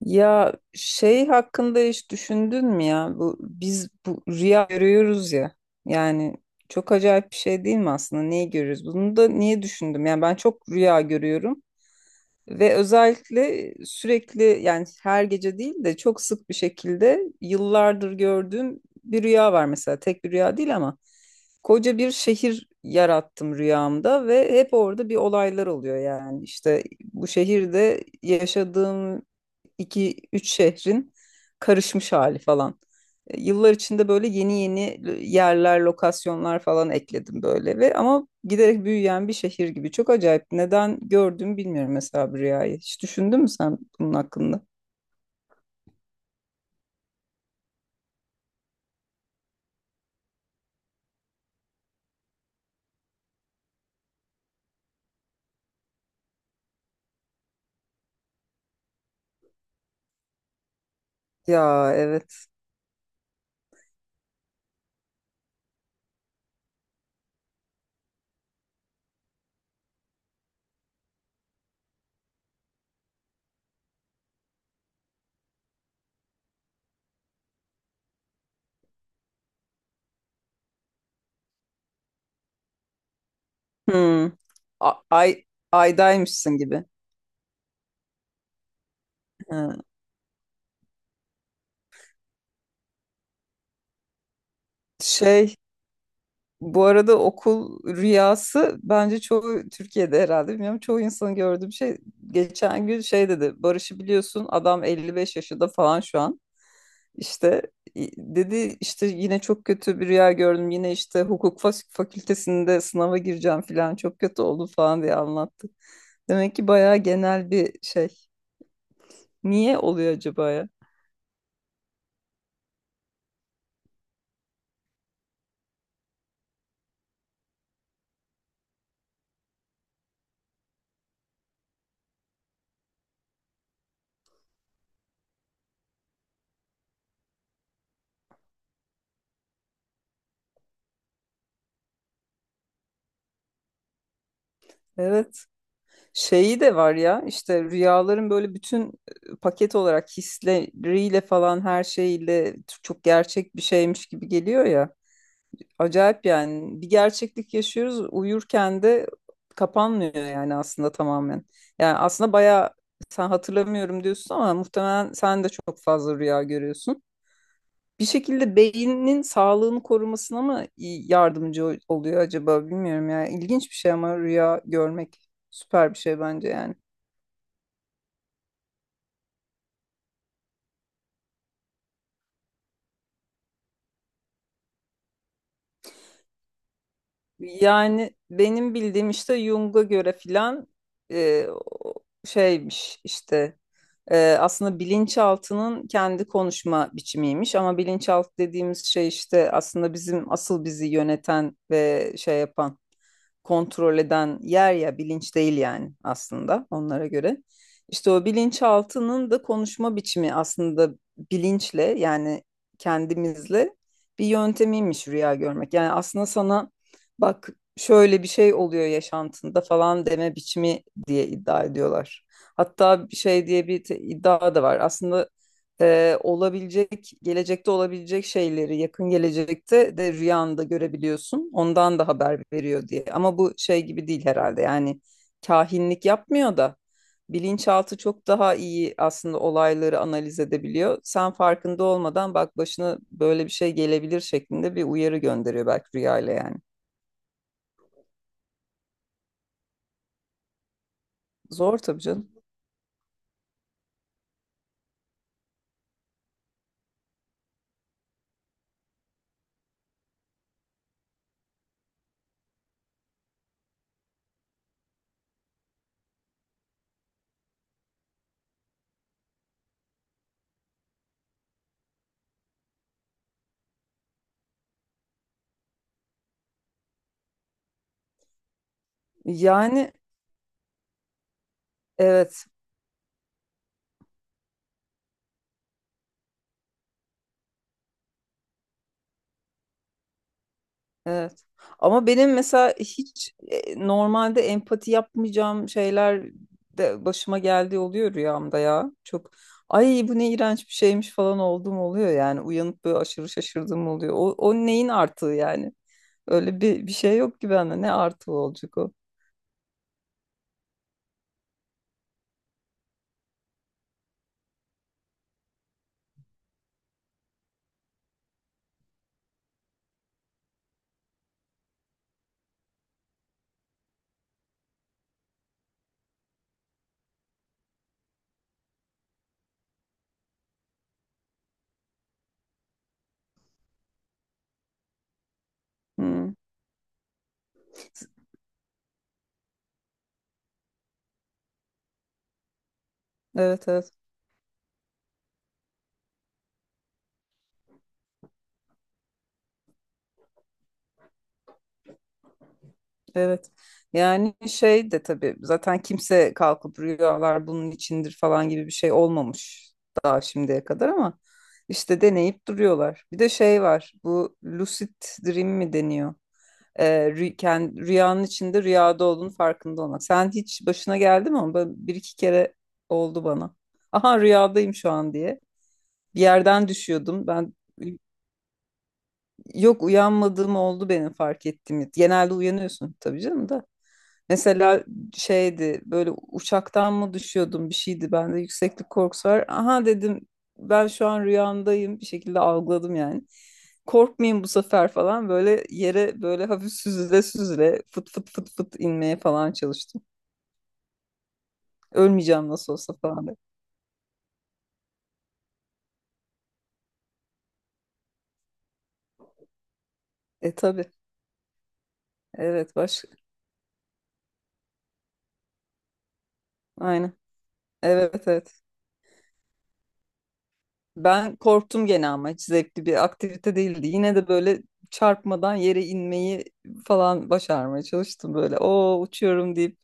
Ya şey hakkında hiç düşündün mü ya? Bu bu rüya görüyoruz ya. Yani çok acayip bir şey değil mi aslında? Neyi görüyoruz? Bunu da niye düşündüm? Yani ben çok rüya görüyorum. Ve özellikle sürekli yani her gece değil de çok sık bir şekilde yıllardır gördüğüm bir rüya var mesela. Tek bir rüya değil ama koca bir şehir yarattım rüyamda ve hep orada bir olaylar oluyor yani. İşte bu şehirde yaşadığım iki üç şehrin karışmış hali falan. Yıllar içinde böyle yeni yeni yerler, lokasyonlar falan ekledim böyle ve ama giderek büyüyen bir şehir gibi. Çok acayip. Neden gördüm bilmiyorum mesela bu rüyayı. Hiç düşündün mü sen bunun hakkında? Ya, evet. Hmm. Ay, aydaymışsın gibi. Ha. Şey, bu arada okul rüyası bence çoğu Türkiye'de herhalde bilmiyorum çoğu insanın gördüğüm şey, geçen gün şey dedi, Barış'ı biliyorsun, adam 55 yaşında falan şu an, işte dedi işte yine çok kötü bir rüya gördüm yine işte hukuk fakültesinde sınava gireceğim falan çok kötü oldu falan diye anlattı. Demek ki bayağı genel bir şey. Niye oluyor acaba ya? Evet, şeyi de var ya işte rüyaların böyle bütün paket olarak hisleriyle falan her şeyle çok gerçek bir şeymiş gibi geliyor ya. Acayip yani, bir gerçeklik yaşıyoruz uyurken de, kapanmıyor yani aslında tamamen. Yani aslında bayağı, sen hatırlamıyorum diyorsun ama muhtemelen sen de çok fazla rüya görüyorsun. Bir şekilde beynin sağlığını korumasına mı yardımcı oluyor acaba bilmiyorum ya. İlginç bir şey ama rüya görmek süper bir şey bence yani. Yani benim bildiğim işte Jung'a göre filan, e, o- şeymiş işte, aslında bilinçaltının kendi konuşma biçimiymiş ama bilinçaltı dediğimiz şey işte aslında bizim asıl bizi yöneten ve şey yapan, kontrol eden yer ya, bilinç değil yani aslında onlara göre. İşte o bilinçaltının da konuşma biçimi aslında bilinçle yani kendimizle bir yöntemiymiş rüya görmek. Yani aslında sana bak şöyle bir şey oluyor yaşantında falan deme biçimi diye iddia ediyorlar. Hatta bir şey diye bir iddia da var. Aslında olabilecek, gelecekte olabilecek şeyleri yakın gelecekte de rüyanda görebiliyorsun. Ondan da haber veriyor diye. Ama bu şey gibi değil herhalde. Yani kahinlik yapmıyor da, bilinçaltı çok daha iyi aslında olayları analiz edebiliyor. Sen farkında olmadan bak başına böyle bir şey gelebilir şeklinde bir uyarı gönderiyor belki rüyayla yani. Zor tabii canım. Yani evet. Evet. Ama benim mesela hiç normalde empati yapmayacağım şeyler de başıma geldiği oluyor rüyamda ya. Çok ay bu ne iğrenç bir şeymiş falan olduğum oluyor yani. Uyanıp böyle aşırı şaşırdığım oluyor. O neyin artığı yani? Öyle bir şey yok ki bende. Ne artığı olacak o? Hmm. Evet, evet. Evet. Yani şey de tabii zaten kimse kalkıp rüyalar bunun içindir falan gibi bir şey olmamış daha şimdiye kadar ama işte deneyip duruyorlar. Bir de şey var, bu lucid dream mi deniyor? Rüyanın içinde rüyada olduğunu farkında olmak. Sen hiç başına geldi mi? Bir iki kere oldu bana. Aha rüyadayım şu an diye. Bir yerden düşüyordum. Yok, uyanmadığım oldu benim fark ettiğim. Genelde uyanıyorsun tabii canım da. Mesela şeydi böyle, uçaktan mı düşüyordum bir şeydi, bende yükseklik korkusu var. Aha dedim ben şu an rüyamdayım, bir şekilde algıladım yani. Korkmayayım bu sefer falan böyle yere böyle hafif süzüle süzüle fıt fıt fıt fıt inmeye falan çalıştım. Ölmeyeceğim nasıl olsa falan diye. E tabii. Evet, başka, aynen, evet, evet. Ben korktum gene ama hiç zevkli bir aktivite değildi. Yine de böyle çarpmadan yere inmeyi falan başarmaya çalıştım böyle. O uçuyorum deyip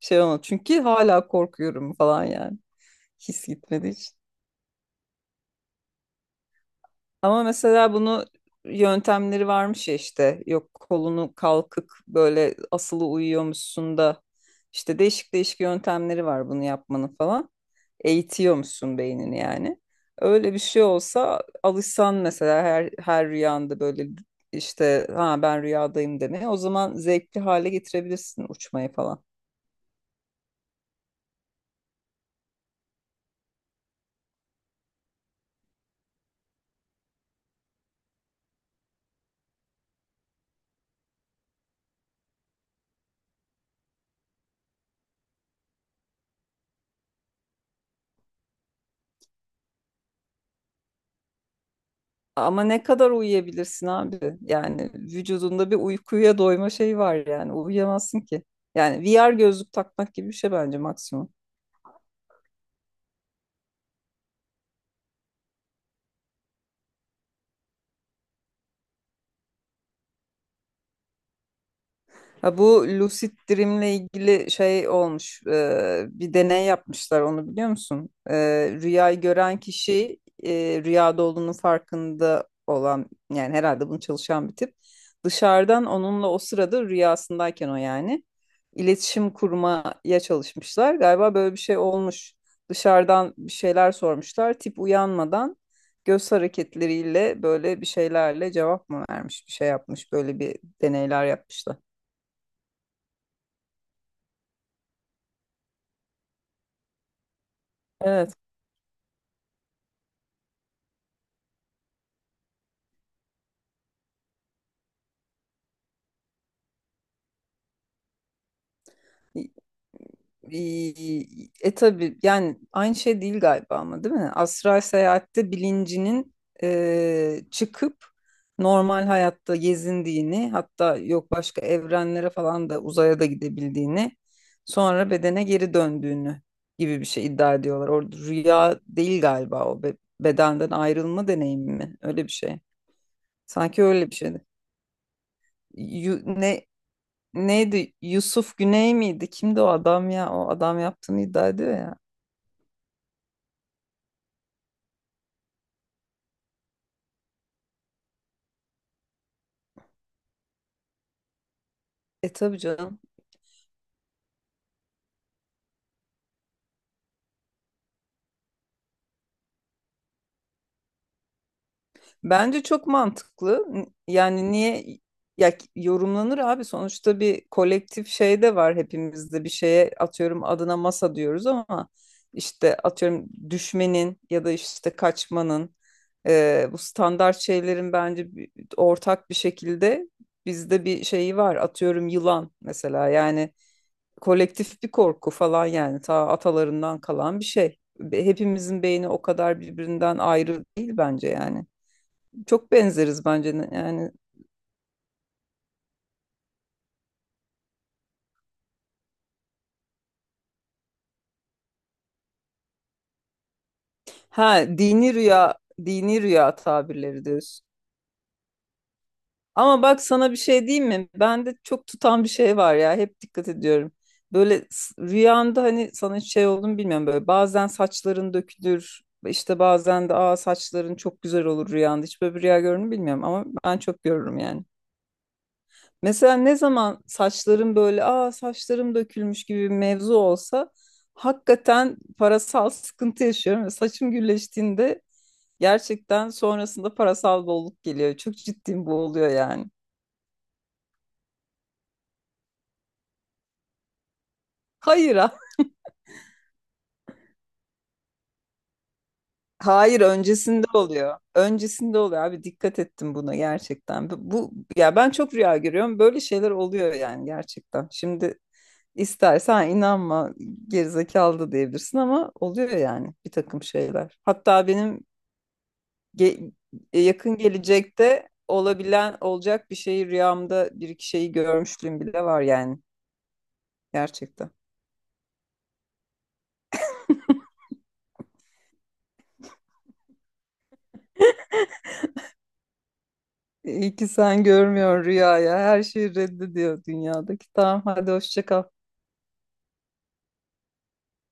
şey olmadı. Çünkü hala korkuyorum falan yani. His gitmedi. Ama mesela bunu yöntemleri varmış ya işte, yok kolunu kalkık böyle asılı uyuyormuşsun da işte değişik değişik yöntemleri var bunu yapmanın falan. Eğitiyormuşsun beynini yani. Öyle bir şey olsa alışsan mesela her rüyanda böyle işte ha ben rüyadayım demeye, o zaman zevkli hale getirebilirsin uçmayı falan. Ama ne kadar uyuyabilirsin abi? Yani vücudunda bir uykuya doyma şeyi var yani. Uyuyamazsın ki. Yani VR gözlük takmak gibi bir şey bence maksimum. Ha, bu lucid dream'le ilgili şey olmuş, bir deney yapmışlar, onu biliyor musun? Rüyayı gören kişi, rüyada olduğunun farkında olan yani, herhalde bunu çalışan bir tip. Dışarıdan onunla o sırada rüyasındayken o yani iletişim kurmaya çalışmışlar. Galiba böyle bir şey olmuş. Dışarıdan bir şeyler sormuşlar. Tip uyanmadan göz hareketleriyle böyle bir şeylerle cevap mı vermiş, bir şey yapmış. Böyle bir deneyler yapmışlar. Evet. E, tabii yani aynı şey değil galiba ama, değil mi? Astral seyahatte bilincinin çıkıp normal hayatta gezindiğini, hatta yok başka evrenlere falan da uzaya da gidebildiğini, sonra bedene geri döndüğünü gibi bir şey iddia ediyorlar. Orada rüya değil galiba, o bedenden ayrılma deneyimi mi? Öyle bir şey. Sanki öyle bir şeydi. Yu- ne Neydi? Yusuf Güney miydi? Kimdi o adam ya? O adam yaptığını iddia ediyor ya. E tabii canım. Bence çok mantıklı. Yani niye yorumlanır abi? Sonuçta bir kolektif şey de var hepimizde. Bir şeye atıyorum adına masa diyoruz ama işte atıyorum düşmenin ya da işte kaçmanın, bu standart şeylerin bence ortak bir şekilde bizde bir şeyi var. Atıyorum yılan mesela, yani kolektif bir korku falan yani, ta atalarından kalan bir şey. Hepimizin beyni o kadar birbirinden ayrı değil bence yani. Çok benzeriz bence yani. Ha, dini rüya tabirleri diyorsun. Ama bak sana bir şey diyeyim mi? Bende çok tutan bir şey var ya. Hep dikkat ediyorum. Böyle rüyamda hani sana hiç şey olduğunu bilmiyorum böyle. Bazen saçların dökülür. İşte bazen de aa saçların çok güzel olur rüyanda. Hiç böyle bir rüya görür mü bilmiyorum ama ben çok görürüm yani. Mesela ne zaman saçlarım böyle aa saçlarım dökülmüş gibi bir mevzu olsa, hakikaten parasal sıkıntı yaşıyorum, ve saçım gülleştiğinde gerçekten sonrasında parasal bolluk geliyor. Çok ciddiyim bu oluyor yani. Hayır. Hayır, öncesinde oluyor. Öncesinde oluyor abi, dikkat ettim buna gerçekten. Ya ben çok rüya görüyorum. Böyle şeyler oluyor yani gerçekten. Şimdi istersen inanma, gerizekalı da diyebilirsin ama oluyor yani bir takım şeyler. Hatta benim ge- yakın gelecekte olabilen olacak bir şeyi rüyamda bir iki şeyi görmüşlüğüm bile var yani, gerçekten. İyi ki sen görmüyorsun rüyaya. Her şeyi reddediyor dünyadaki. Tamam hadi hoşça kal.